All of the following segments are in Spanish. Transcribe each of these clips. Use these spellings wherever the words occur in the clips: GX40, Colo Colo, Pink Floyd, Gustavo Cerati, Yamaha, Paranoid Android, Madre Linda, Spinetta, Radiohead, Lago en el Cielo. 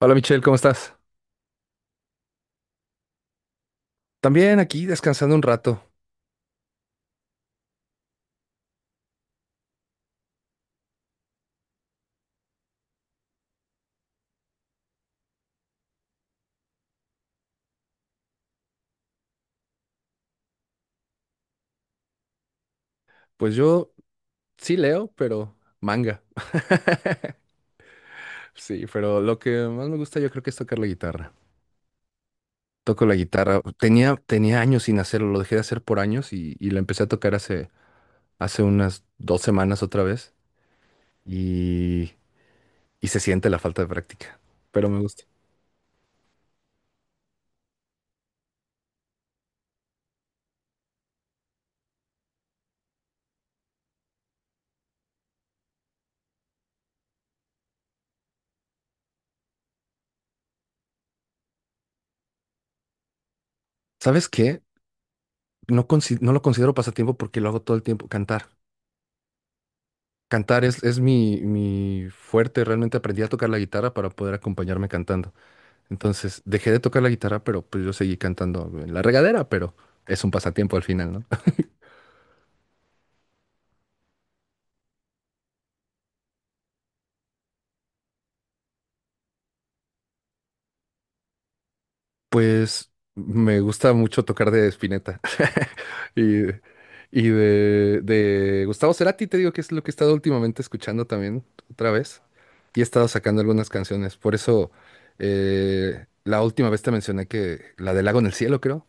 Hola Michelle, ¿cómo estás? También aquí descansando un rato. Pues yo sí leo, pero manga. Sí, pero lo que más me gusta yo creo que es tocar la guitarra. Toco la guitarra. Tenía años sin hacerlo, lo dejé de hacer por años y la empecé a tocar hace, hace unas dos semanas otra vez y, y se siente la falta de práctica, pero me gusta. ¿Sabes qué? No, no lo considero pasatiempo porque lo hago todo el tiempo, cantar. Cantar es mi, mi fuerte, realmente aprendí a tocar la guitarra para poder acompañarme cantando. Entonces dejé de tocar la guitarra, pero pues yo seguí cantando en la regadera, pero es un pasatiempo al final, ¿no? Pues me gusta mucho tocar de Spinetta y, y de Gustavo Cerati, te digo que es lo que he estado últimamente escuchando también otra vez y he estado sacando algunas canciones. Por eso la última vez te mencioné que la del Lago en el Cielo, creo,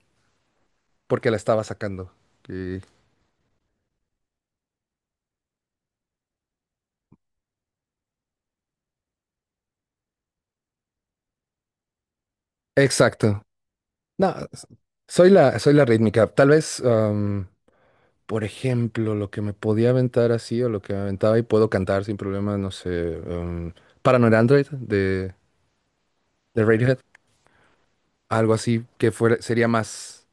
porque la estaba sacando. Y- Exacto. No, soy la rítmica. Por ejemplo, lo que me podía aventar así o lo que me aventaba y puedo cantar sin problema, no sé, Paranoid Android de Radiohead, algo así que fuera, sería más,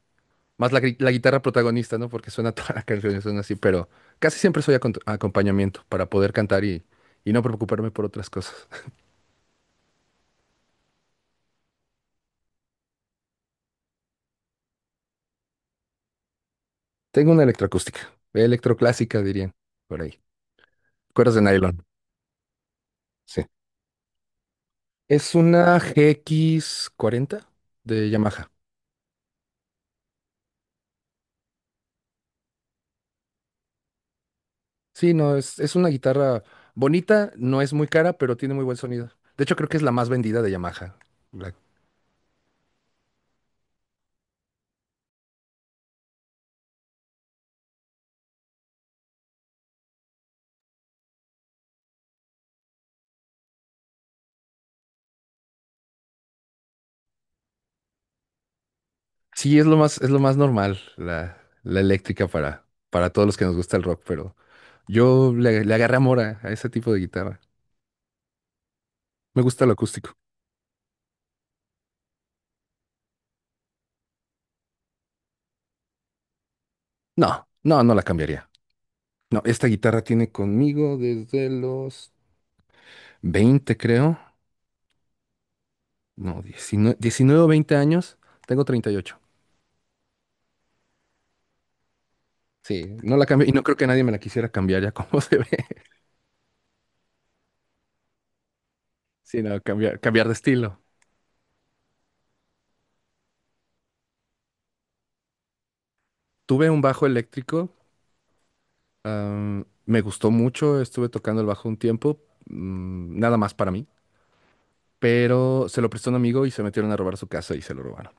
más la, la guitarra protagonista, ¿no? Porque suena toda la canción, y suena así, pero casi siempre soy acompañamiento para poder cantar y no preocuparme por otras cosas. Tengo una electroacústica, electroclásica dirían, por ahí. Cuerdas de nylon, sí. Es una GX40 de Yamaha. Sí, no, es una guitarra bonita, no es muy cara, pero tiene muy buen sonido. De hecho, creo que es la más vendida de Yamaha. La- sí, es lo más normal, la eléctrica para todos los que nos gusta el rock, pero yo le, le agarré amor a ese tipo de guitarra. Me gusta lo acústico. No, no, no la cambiaría. No, esta guitarra tiene conmigo desde los 20, creo. No, 19, 19 o 20 años. Tengo 38. Sí, no la cambio y no creo que nadie me la quisiera cambiar ya como se ve. Sí, no cambiar, cambiar de estilo. Tuve un bajo eléctrico, me gustó mucho, estuve tocando el bajo un tiempo, nada más para mí, pero se lo prestó un amigo y se metieron a robar su casa y se lo robaron.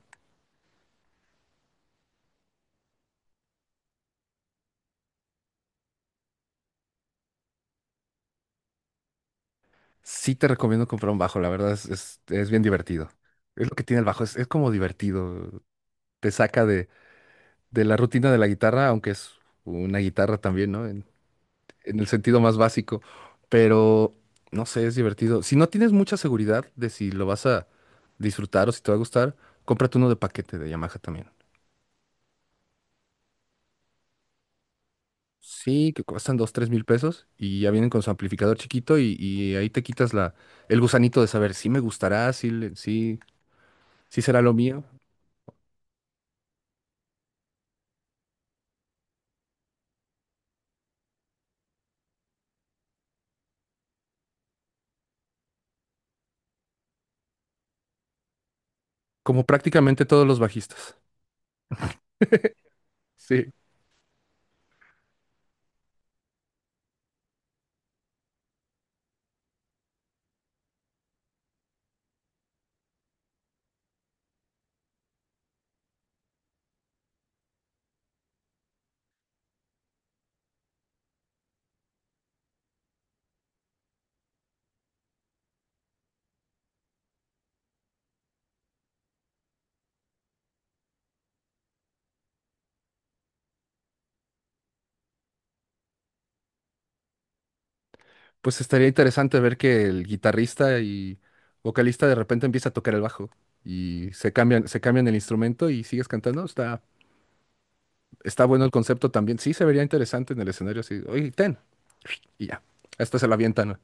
Sí te recomiendo comprar un bajo, la verdad es bien divertido. Es lo que tiene el bajo, es como divertido, te saca de la rutina de la guitarra, aunque es una guitarra también, ¿no? En el sentido más básico, pero no sé, es divertido. Si no tienes mucha seguridad de si lo vas a disfrutar o si te va a gustar, cómprate uno de paquete de Yamaha también. Sí, que cuestan dos, tres mil pesos y ya vienen con su amplificador chiquito y ahí te quitas la, el gusanito de saber si me gustará, si, si, si será lo mío, como prácticamente todos los bajistas. Sí, pues estaría interesante ver que el guitarrista y vocalista de repente empieza a tocar el bajo y se cambian el instrumento y sigues cantando. Está, está bueno el concepto también. Sí, se vería interesante en el escenario así. Oye, ten. Y ya, hasta se la avientan.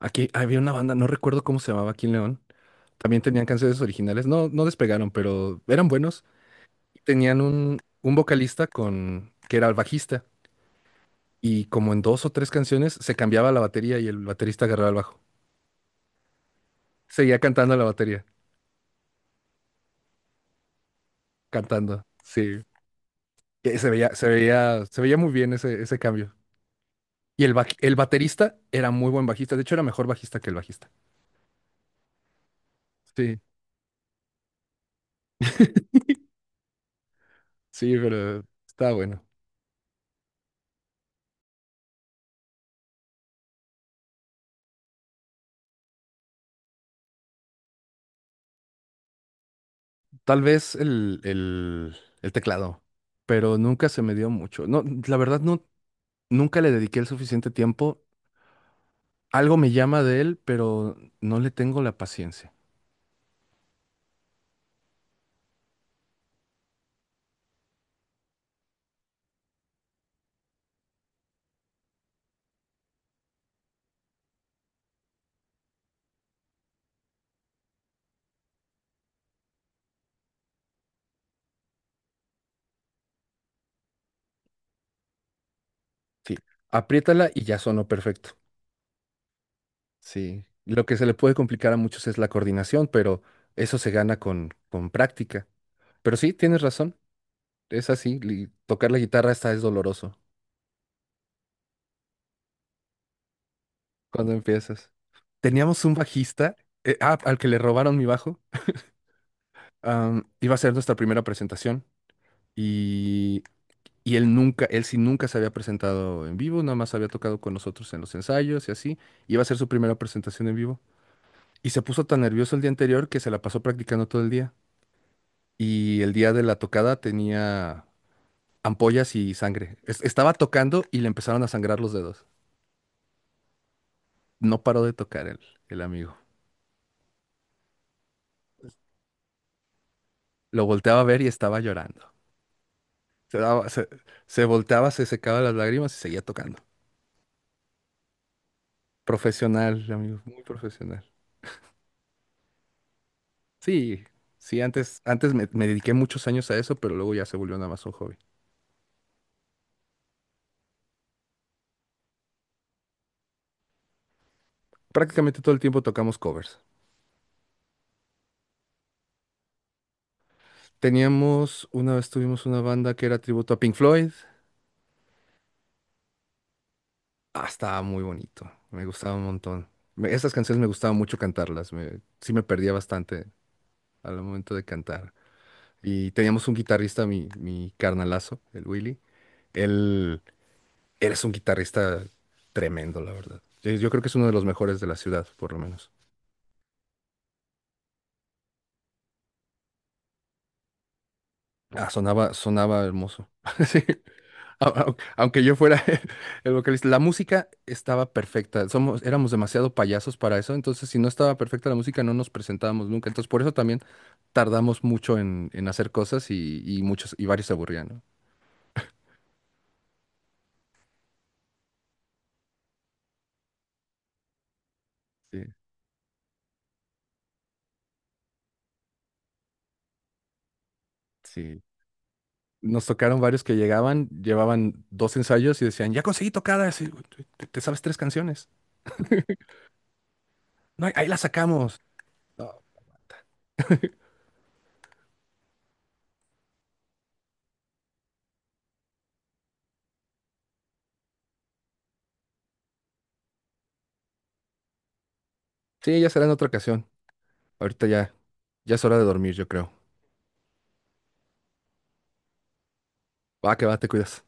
Aquí había una banda, no recuerdo cómo se llamaba aquí en León. También tenían canciones originales. No, no despegaron, pero eran buenos. Tenían un vocalista con, que era el bajista. Y como en dos o tres canciones se cambiaba la batería y el baterista agarraba el bajo. Seguía cantando la batería, cantando. Sí. Y se veía, se veía, se veía muy bien ese, ese cambio. Y el, el baterista era muy buen bajista. De hecho, era mejor bajista que el bajista. Sí, sí, pero está bueno. Tal vez el teclado, pero nunca se me dio mucho. No, la verdad, no. Nunca le dediqué el suficiente tiempo. Algo me llama de él, pero no le tengo la paciencia. Sí, apriétala y ya sonó perfecto. Sí, lo que se le puede complicar a muchos es la coordinación, pero eso se gana con práctica. Pero sí, tienes razón. Es así, tocar la guitarra está es doloroso cuando empiezas. Teníamos un bajista, al que le robaron mi bajo. Iba a ser nuestra primera presentación y Y él nunca, él sí nunca se había presentado en vivo, nada más había tocado con nosotros en los ensayos y así. Y iba a ser su primera presentación en vivo. Y se puso tan nervioso el día anterior que se la pasó practicando todo el día. Y el día de la tocada tenía ampollas y sangre. Estaba tocando y le empezaron a sangrar los dedos. No paró de tocar el amigo. Lo volteaba a ver y estaba llorando. Se, se volteaba, se secaba las lágrimas y seguía tocando. Profesional, amigo, muy profesional. Sí, sí, antes, antes me, me dediqué muchos años a eso, pero luego ya se volvió nada más un hobby. Prácticamente todo el tiempo tocamos covers. Teníamos, una vez tuvimos una banda que era tributo a Pink Floyd. Ah, estaba muy bonito, me gustaba un montón. Esas canciones me gustaba mucho cantarlas, sí me perdía bastante al momento de cantar. Y teníamos un guitarrista, mi carnalazo, el Willy. Él, él es un guitarrista tremendo, la verdad. Yo creo que es uno de los mejores de la ciudad, por lo menos. Ah, sonaba, sonaba hermoso. Sí, aunque yo fuera el vocalista, la música estaba perfecta. Somos, éramos demasiado payasos para eso, entonces si no estaba perfecta la música no nos presentábamos nunca. Entonces por eso también tardamos mucho en hacer cosas y muchos y varios se aburrían, ¿no? Sí, sí. Nos tocaron varios que llegaban, llevaban dos ensayos y decían, ya conseguí tocadas, y, te sabes tres canciones. No, ahí las sacamos. No. Sí, ya será en otra ocasión. Ahorita ya, ya es hora de dormir, yo creo. Va, que va, te cuidas.